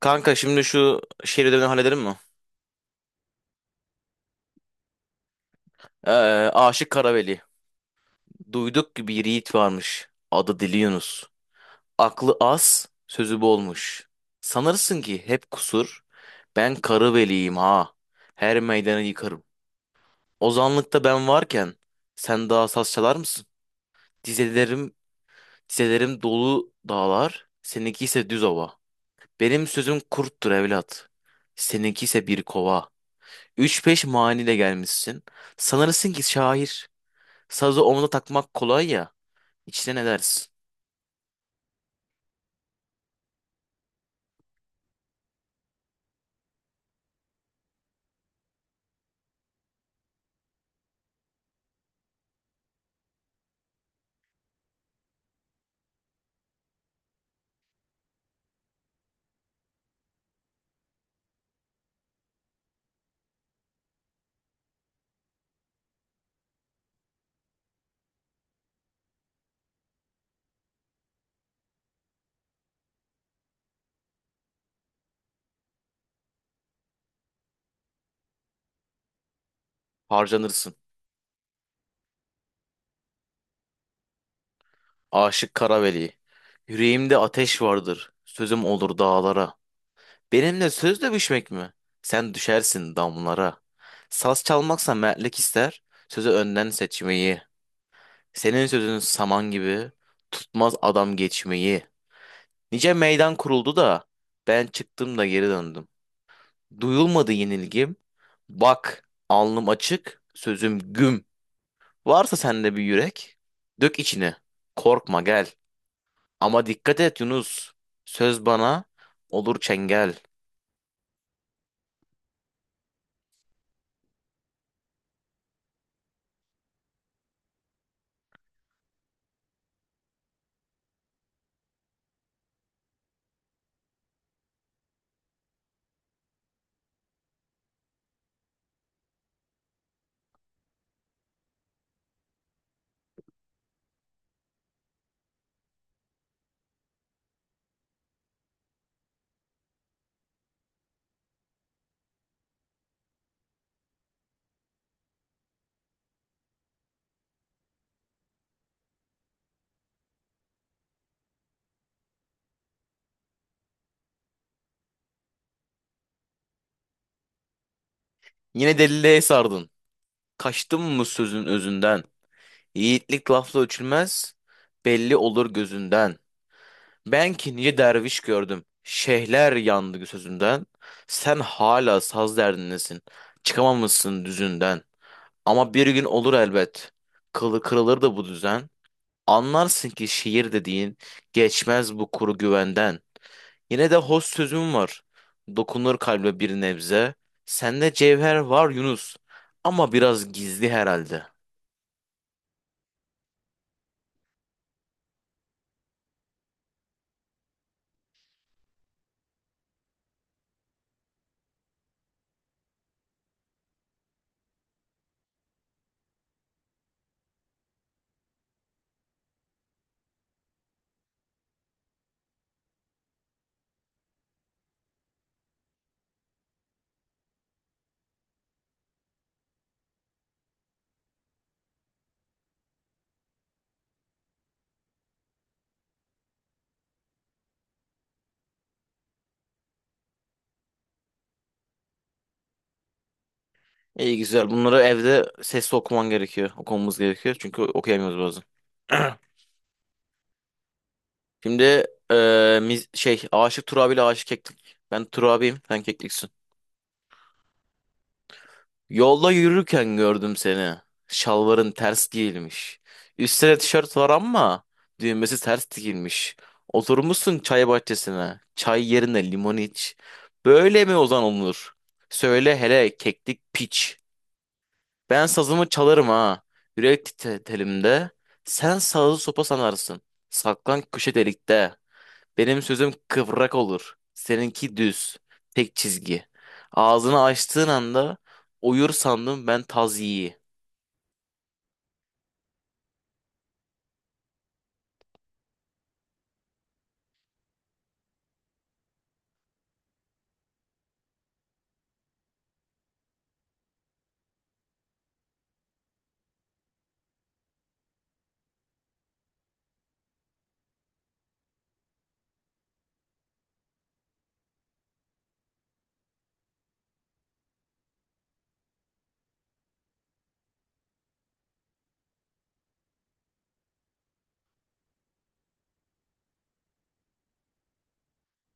Kanka şimdi şu şehir ödevini halledelim mi? Ee, Aşık Karaveli. Duyduk ki bir yiğit varmış. Adı Dili Yunus. Aklı az, sözü bolmuş. Sanırsın ki hep kusur. Ben Karaveliyim ha. Her meydanı yıkarım. Ozanlıkta ben varken sen daha saz çalar mısın? Dizelerim, dizelerim dolu dağlar. Seninki ise düz ova. Benim sözüm kurttur evlat. Seninki ise bir kova. Üç beş maniyle gelmişsin. Sanırsın ki şair. Sazı omuza takmak kolay ya. İçten edersin. Harcanırsın. Aşık Karaveli. Yüreğimde ateş vardır. Sözüm olur dağlara. Benimle söz dövüşmek mi? Sen düşersin damlara. Saz çalmaksa mertlik ister. Sözü önden seçmeyi. Senin sözün saman gibi. Tutmaz adam geçmeyi. Nice meydan kuruldu da. Ben çıktım da geri döndüm. Duyulmadı yenilgim. Bak, alnım açık, sözüm güm. Varsa sende bir yürek, dök içine. Korkma gel. Ama dikkat et Yunus. Söz bana olur çengel. Yine deliliğe sardın. Kaçtın mı sözün özünden? Yiğitlik lafla ölçülmez, belli olur gözünden. Ben ki nice derviş gördüm. Şeyhler yandı sözünden. Sen hala saz derdindesin. Çıkamamışsın düzünden. Ama bir gün olur elbet. Kılı kırılır da bu düzen. Anlarsın ki şiir dediğin geçmez bu kuru güvenden. Yine de hoş sözüm var. Dokunur kalbe bir nebze. Sende cevher var Yunus. Ama biraz gizli herhalde. İyi güzel. Bunları evde sesli okuman gerekiyor. Okumamız gerekiyor. Çünkü okuyamıyoruz bazen. Şimdi Aşık Turabi ile Aşık Keklik. Ben Turabi'yim. Sen Kekliksin. Yolda yürürken gördüm seni. Şalvarın ters giyilmiş. Üstüne tişört var ama düğmesi ters dikilmiş. Oturmuşsun çay bahçesine. Çay yerine limon iç. Böyle mi ozan olunur? Söyle hele keklik piç. Ben sazımı çalarım ha. Yürek titelimde. Sen sazı sopa sanarsın. Saklan köşe delikte. Benim sözüm kıvrak olur. Seninki düz. Tek çizgi. Ağzını açtığın anda uyur sandım ben taz yiği.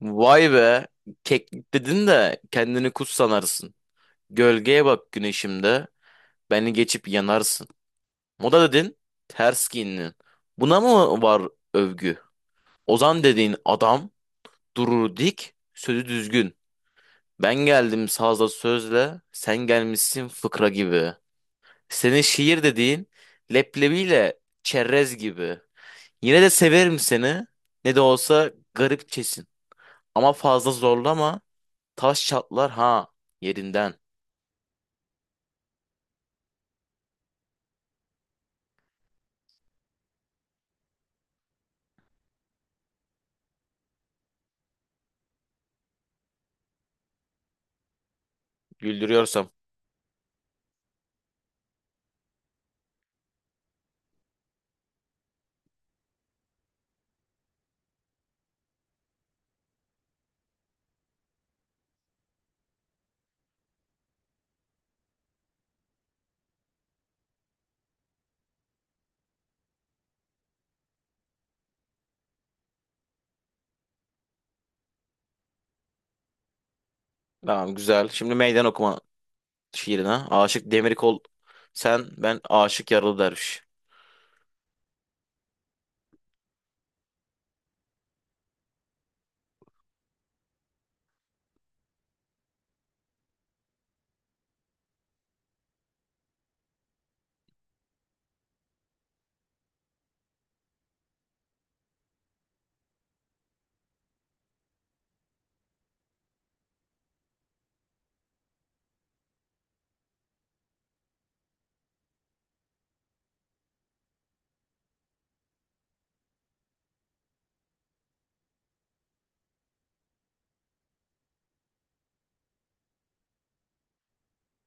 Vay be. Keklik dedin de kendini kuş sanarsın. Gölgeye bak güneşimde. Beni geçip yanarsın. Moda dedin. Ters giyindin. Buna mı var övgü? Ozan dediğin adam durur dik, sözü düzgün. Ben geldim sazla sözle, sen gelmişsin fıkra gibi. Senin şiir dediğin leblebiyle çerez gibi. Yine de severim seni. Ne de olsa garipçesin. Ama fazla zorlama. Taş çatlar ha yerinden. Güldürüyorsam. Tamam güzel. Şimdi meydan okuma şiirine. Aşık demir kol. Sen ben aşık yaralı derviş.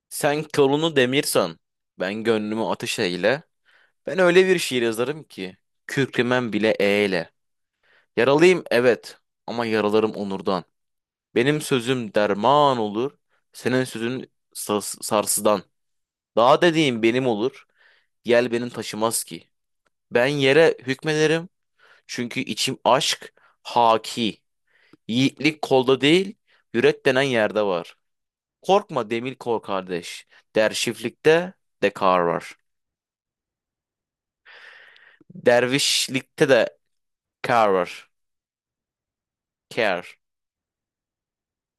Sen kolunu demirsan. Ben gönlümü ateş eyle. Ben öyle bir şiir yazarım ki. Kükremem bile eyle. Yaralıyım evet. Ama yaralarım onurdan. Benim sözüm derman olur. Senin sözün sarsıdan. Dağ dediğim benim olur. Yel benim taşımaz ki. Ben yere hükmederim. Çünkü içim aşk haki. Yiğitlik kolda değil, yürek denen yerde var. Korkma demir kor kardeş. Dervişlikte de kar var. Dervişlikte de kar var. Kar.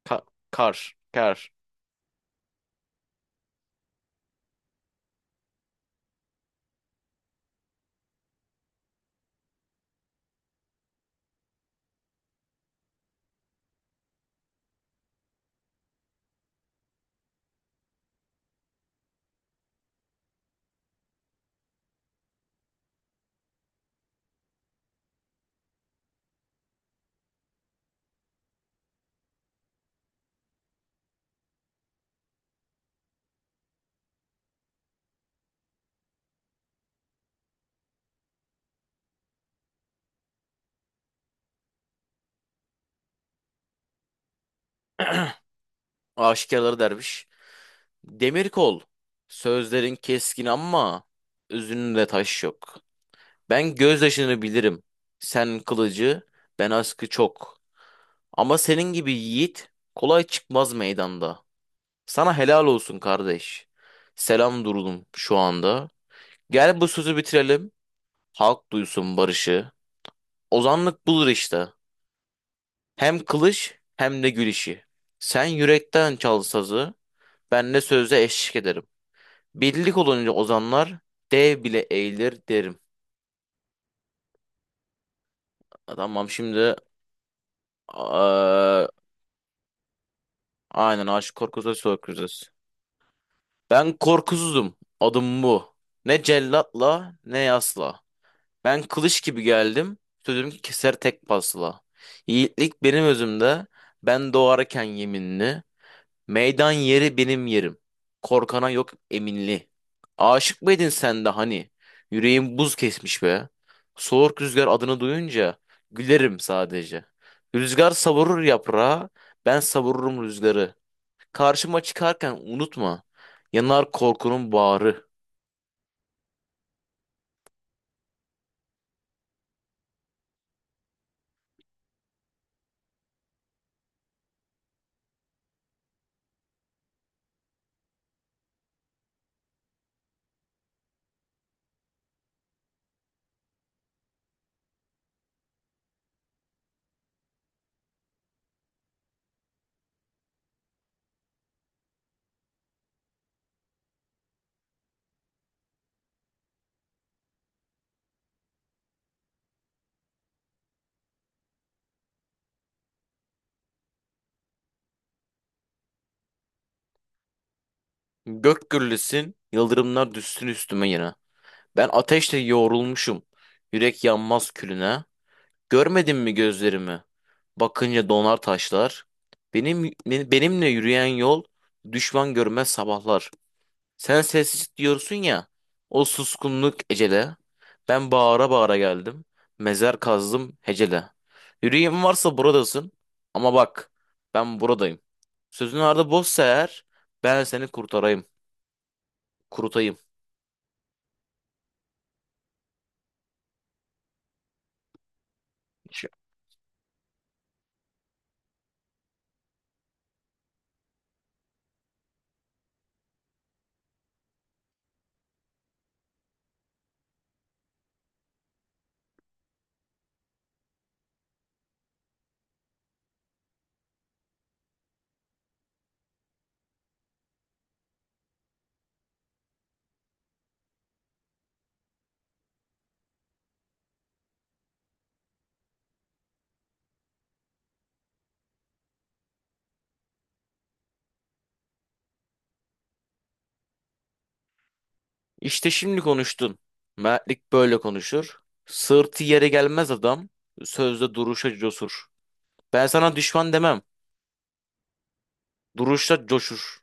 Ka- kar. Kar. Aşikarları derviş. Demir kol. Sözlerin keskin ama özünde taş yok. Ben gözyaşını bilirim. Sen kılıcı, ben askı çok. Ama senin gibi yiğit kolay çıkmaz meydanda. Sana helal olsun kardeş. Selam durdum şu anda. Gel bu sözü bitirelim. Halk duysun barışı. Ozanlık bulur işte. Hem kılıç hem de gülüşü. Sen yürekten çal sazı, ben de sözle eşlik ederim. Birlik olunca ozanlar dev bile eğilir derim. Tamam şimdi eee, aynen Aşık Korkusuz Korkusuz. Ben korkusuzum. Adım bu. Ne cellatla ne yasla. Ben kılıç gibi geldim. Sözüm keser tek pasla. Yiğitlik benim özümde. Ben doğarken yeminli. Meydan yeri benim yerim. Korkana yok eminli. Aşık mıydın sen de hani? Yüreğim buz kesmiş be. Soğuk rüzgar adını duyunca gülerim sadece. Rüzgar savurur yaprağı, ben savururum rüzgarı. Karşıma çıkarken unutma, yanar korkunun bağrı. Gök gürlesin, yıldırımlar düşsün üstüme yine. Ben ateşle yoğrulmuşum, yürek yanmaz külüne. Görmedin mi gözlerimi? Bakınca donar taşlar. Benim benimle yürüyen yol düşman görmez sabahlar. Sen sessiz diyorsun ya. O suskunluk ecele. Ben bağıra bağıra geldim. Mezar kazdım hecele. Yüreğim varsa buradasın. Ama bak ben buradayım. Sözün ardı boşsa eğer ben seni kurtarayım. Kurutayım. İşte şimdi konuştun. Mertlik böyle konuşur. Sırtı yere gelmez adam. Sözde duruşa cosur. Ben sana düşman demem. Duruşta coşur.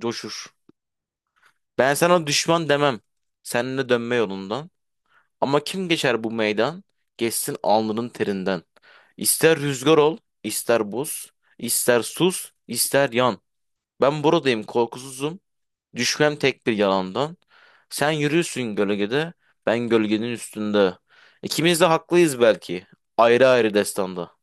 Coşur. Ben sana düşman demem. Seninle dönme yolundan. Ama kim geçer bu meydan? Geçsin alnının terinden. İster rüzgar ol, ister buz, ister sus, ister yan. Ben buradayım korkusuzum. Düşmem tek bir yalandan. Sen yürüyorsun gölgede, ben gölgenin üstünde. İkimiz de haklıyız belki. Ayrı ayrı destanda.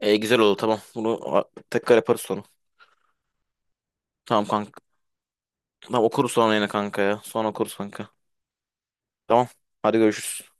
E, güzel oldu tamam. Bunu tekrar yaparız sonra. Tamam kanka. Tamam okuruz sonra yine kanka ya. Sonra okuruz kanka. Tamam. Hadi görüşürüz.